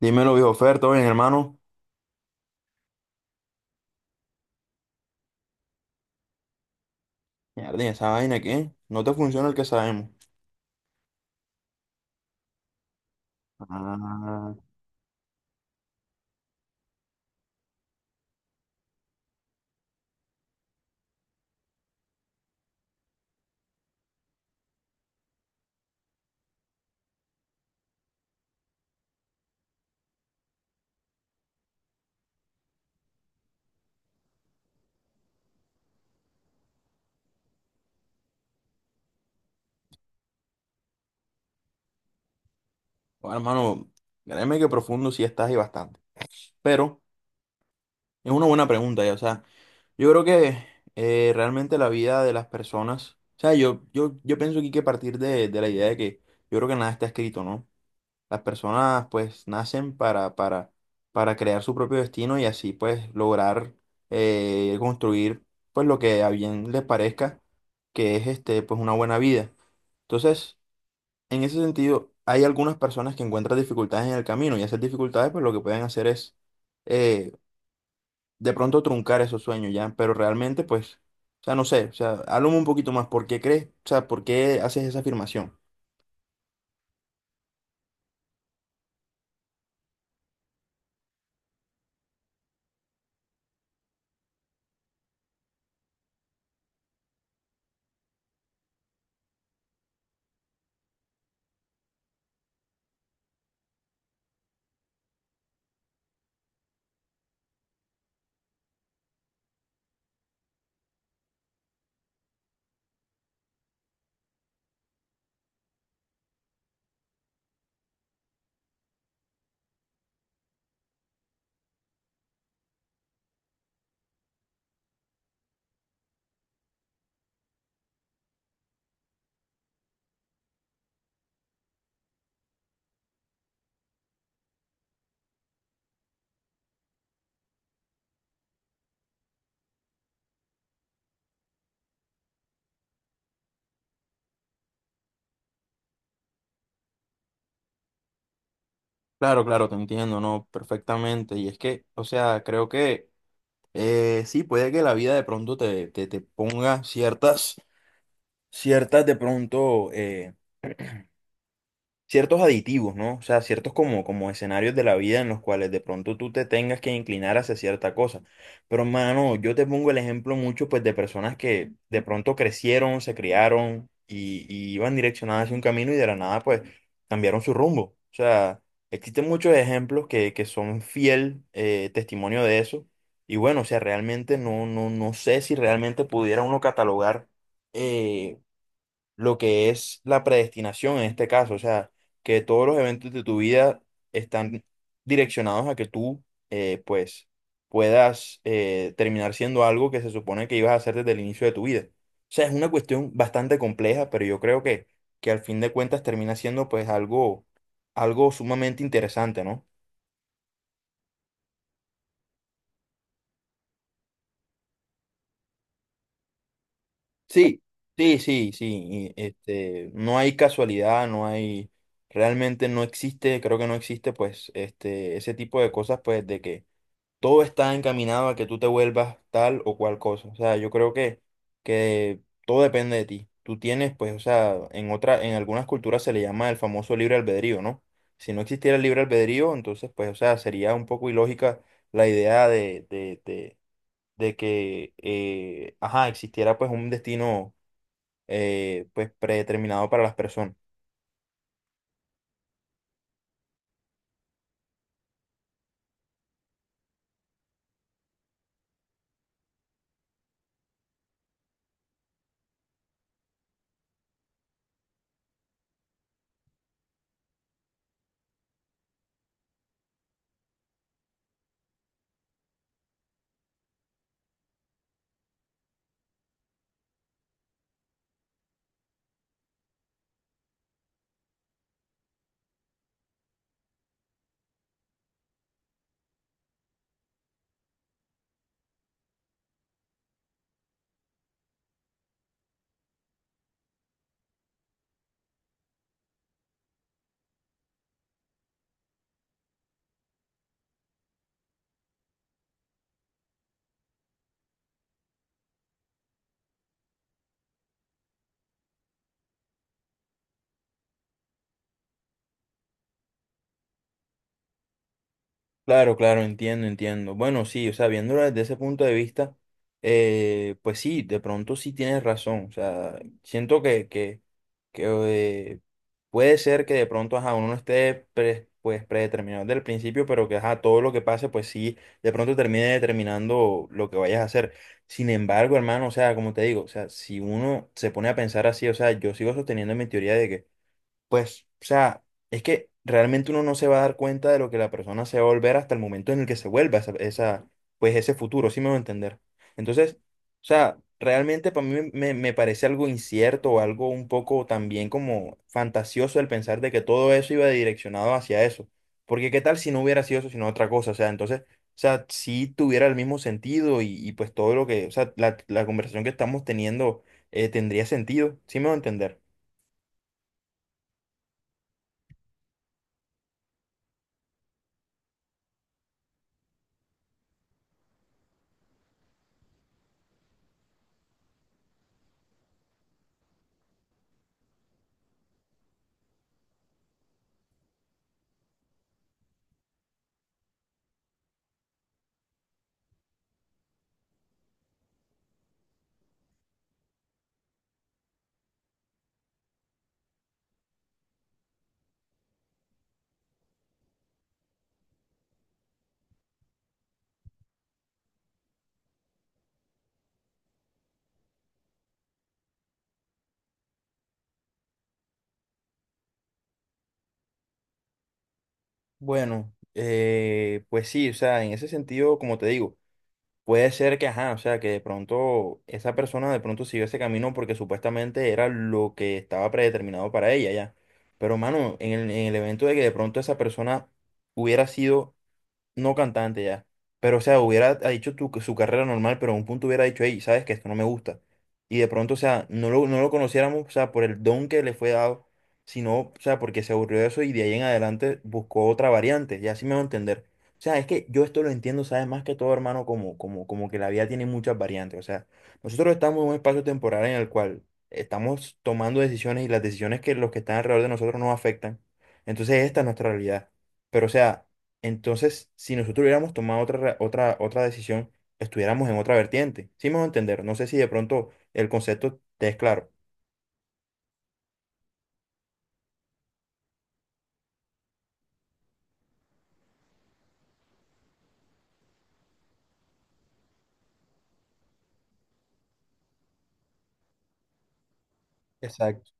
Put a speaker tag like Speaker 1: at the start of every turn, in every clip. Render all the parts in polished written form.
Speaker 1: Dímelo, viejo Fer, ¿todo bien, hermano? Mierda, ¿y esa vaina qué? No te funciona el que sabemos. Ah, bueno, hermano, créeme que profundo sí estás y bastante. Pero es una buena pregunta, ya. O sea, yo creo que realmente la vida de las personas. O sea, yo pienso aquí que partir de la idea de que yo creo que nada está escrito, ¿no? Las personas pues nacen para crear su propio destino y así pues lograr construir pues lo que a bien les parezca que es este pues una buena vida. Entonces, en ese sentido, hay algunas personas que encuentran dificultades en el camino y esas dificultades pues lo que pueden hacer es eh, de pronto truncar esos sueños ya, pero realmente pues, o sea, no sé, o sea, háblame un poquito más, ¿por qué crees? O sea, ¿por qué haces esa afirmación? Claro, claro, te entiendo, ¿no? Perfectamente. Y es que, o sea, creo que sí, puede que la vida de pronto te ponga ciertas, ciertas de pronto ciertos aditivos, ¿no? O sea, ciertos como, como escenarios de la vida en los cuales de pronto tú te tengas que inclinar hacia cierta cosa. Pero, mano, yo te pongo el ejemplo mucho, pues, de personas que de pronto crecieron, se criaron y iban direccionadas hacia un camino y de la nada, pues, cambiaron su rumbo. O sea, existen muchos ejemplos que son fiel testimonio de eso. Y bueno, o sea, realmente no sé si realmente pudiera uno catalogar eh, lo que es la predestinación en este caso, o sea, que todos los eventos de tu vida están direccionados a que tú, pues, puedas terminar siendo algo que se supone que ibas a hacer desde el inicio de tu vida. O sea, es una cuestión bastante compleja, pero yo creo que al fin de cuentas termina siendo, pues, algo, algo sumamente interesante, ¿no? Sí, sí, sí, sí. Este, no hay casualidad, no hay, realmente no existe, creo que no existe, pues, este, ese tipo de cosas, pues, de que todo está encaminado a que tú te vuelvas tal o cual cosa. O sea, yo creo que todo depende de ti. Tú tienes, pues, o sea, en otra, en algunas culturas se le llama el famoso libre albedrío, ¿no? Si no existiera el libre albedrío, entonces, pues, o sea, sería un poco ilógica la idea de que, ajá, existiera, pues, un destino pues predeterminado para las personas. Claro, claro, entiendo, entiendo. Bueno, sí, o sea, viéndolo desde ese punto de vista, pues sí, de pronto sí tienes razón. O sea, siento que puede ser que de pronto ajá, uno no esté pre- pues, predeterminado desde el principio, pero que ajá, todo lo que pase, pues sí, de pronto termine determinando lo que vayas a hacer. Sin embargo, hermano, o sea, como te digo, o sea, si uno se pone a pensar así, o sea, yo sigo sosteniendo mi teoría de que pues, o sea, es que realmente uno no se va a dar cuenta de lo que la persona se va a volver hasta el momento en el que se vuelva esa, esa- pues ese futuro, ¿sí me voy a entender? Entonces, o sea, realmente para mí me, me parece algo incierto o algo un poco también como fantasioso el pensar de que todo eso iba direccionado hacia eso. Porque qué tal si no hubiera sido eso, sino otra cosa, o sea, entonces, o sea, si tuviera el mismo sentido y pues todo lo que, o sea, la conversación que estamos teniendo tendría sentido, ¿sí me voy a entender? Bueno, pues sí, o sea, en ese sentido, como te digo, puede ser que, ajá, o sea, que de pronto esa persona de pronto siguió ese camino porque supuestamente era lo que estaba predeterminado para ella, ya. Pero, mano, en el evento de que de pronto esa persona hubiera sido no cantante ya. Pero, o sea, hubiera ha dicho tu- su carrera normal, pero a un punto hubiera dicho, hey, sabes que esto no me gusta. Y de pronto, o sea, no lo conociéramos, o sea, por el don que le fue dado, sino, o sea, porque se aburrió de eso y de ahí en adelante buscó otra variante, y así me va a entender. O sea, es que yo esto lo entiendo, sabes, más que todo, hermano, como que la vida tiene muchas variantes. O sea, nosotros estamos en un espacio temporal en el cual estamos tomando decisiones y las decisiones que los que están alrededor de nosotros nos afectan. Entonces, esta es nuestra realidad. Pero, o sea, entonces, si nosotros hubiéramos tomado otra, ra- otra decisión, estuviéramos en otra vertiente. Sí me voy a entender. No sé si de pronto el concepto te es claro. Exacto.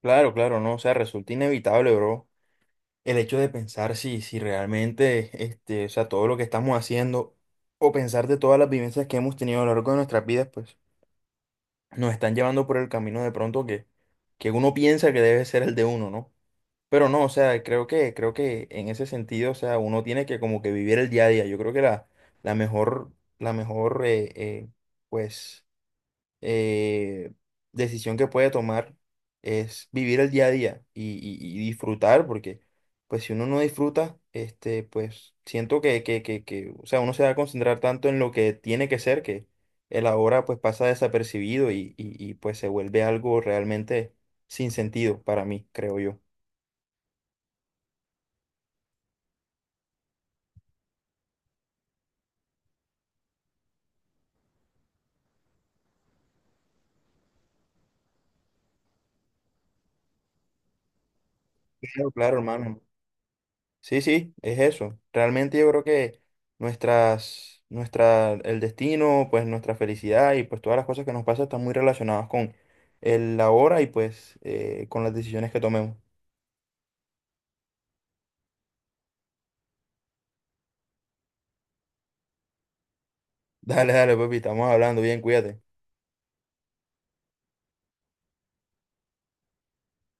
Speaker 1: Claro, claro, no. O sea, resulta inevitable, bro, el hecho de pensar si realmente, este, o sea, todo lo que estamos haciendo o pensar de todas las vivencias que hemos tenido a lo largo de nuestras vidas, pues nos están llevando por el camino de pronto que uno piensa que debe ser el de uno, ¿no? Pero no, o sea, creo que en ese sentido, o sea, uno tiene que como que vivir el día a día. Yo creo que la, la mejor, la mejor, pues, eh, decisión que puede tomar es vivir el día a día y disfrutar, porque, pues, si uno no disfruta, este, pues, siento que, o sea, uno se va a concentrar tanto en lo que tiene que ser que el ahora, pues, pasa desapercibido y pues, se vuelve algo realmente sin sentido para mí, creo yo. Claro, claro, hermano. Sí, sí, es eso. Realmente yo creo que el destino, pues nuestra felicidad y pues todas las cosas que nos pasan están muy relacionadas con el ahora y pues con las decisiones que tomemos. Dale, dale, papi, estamos hablando bien, cuídate.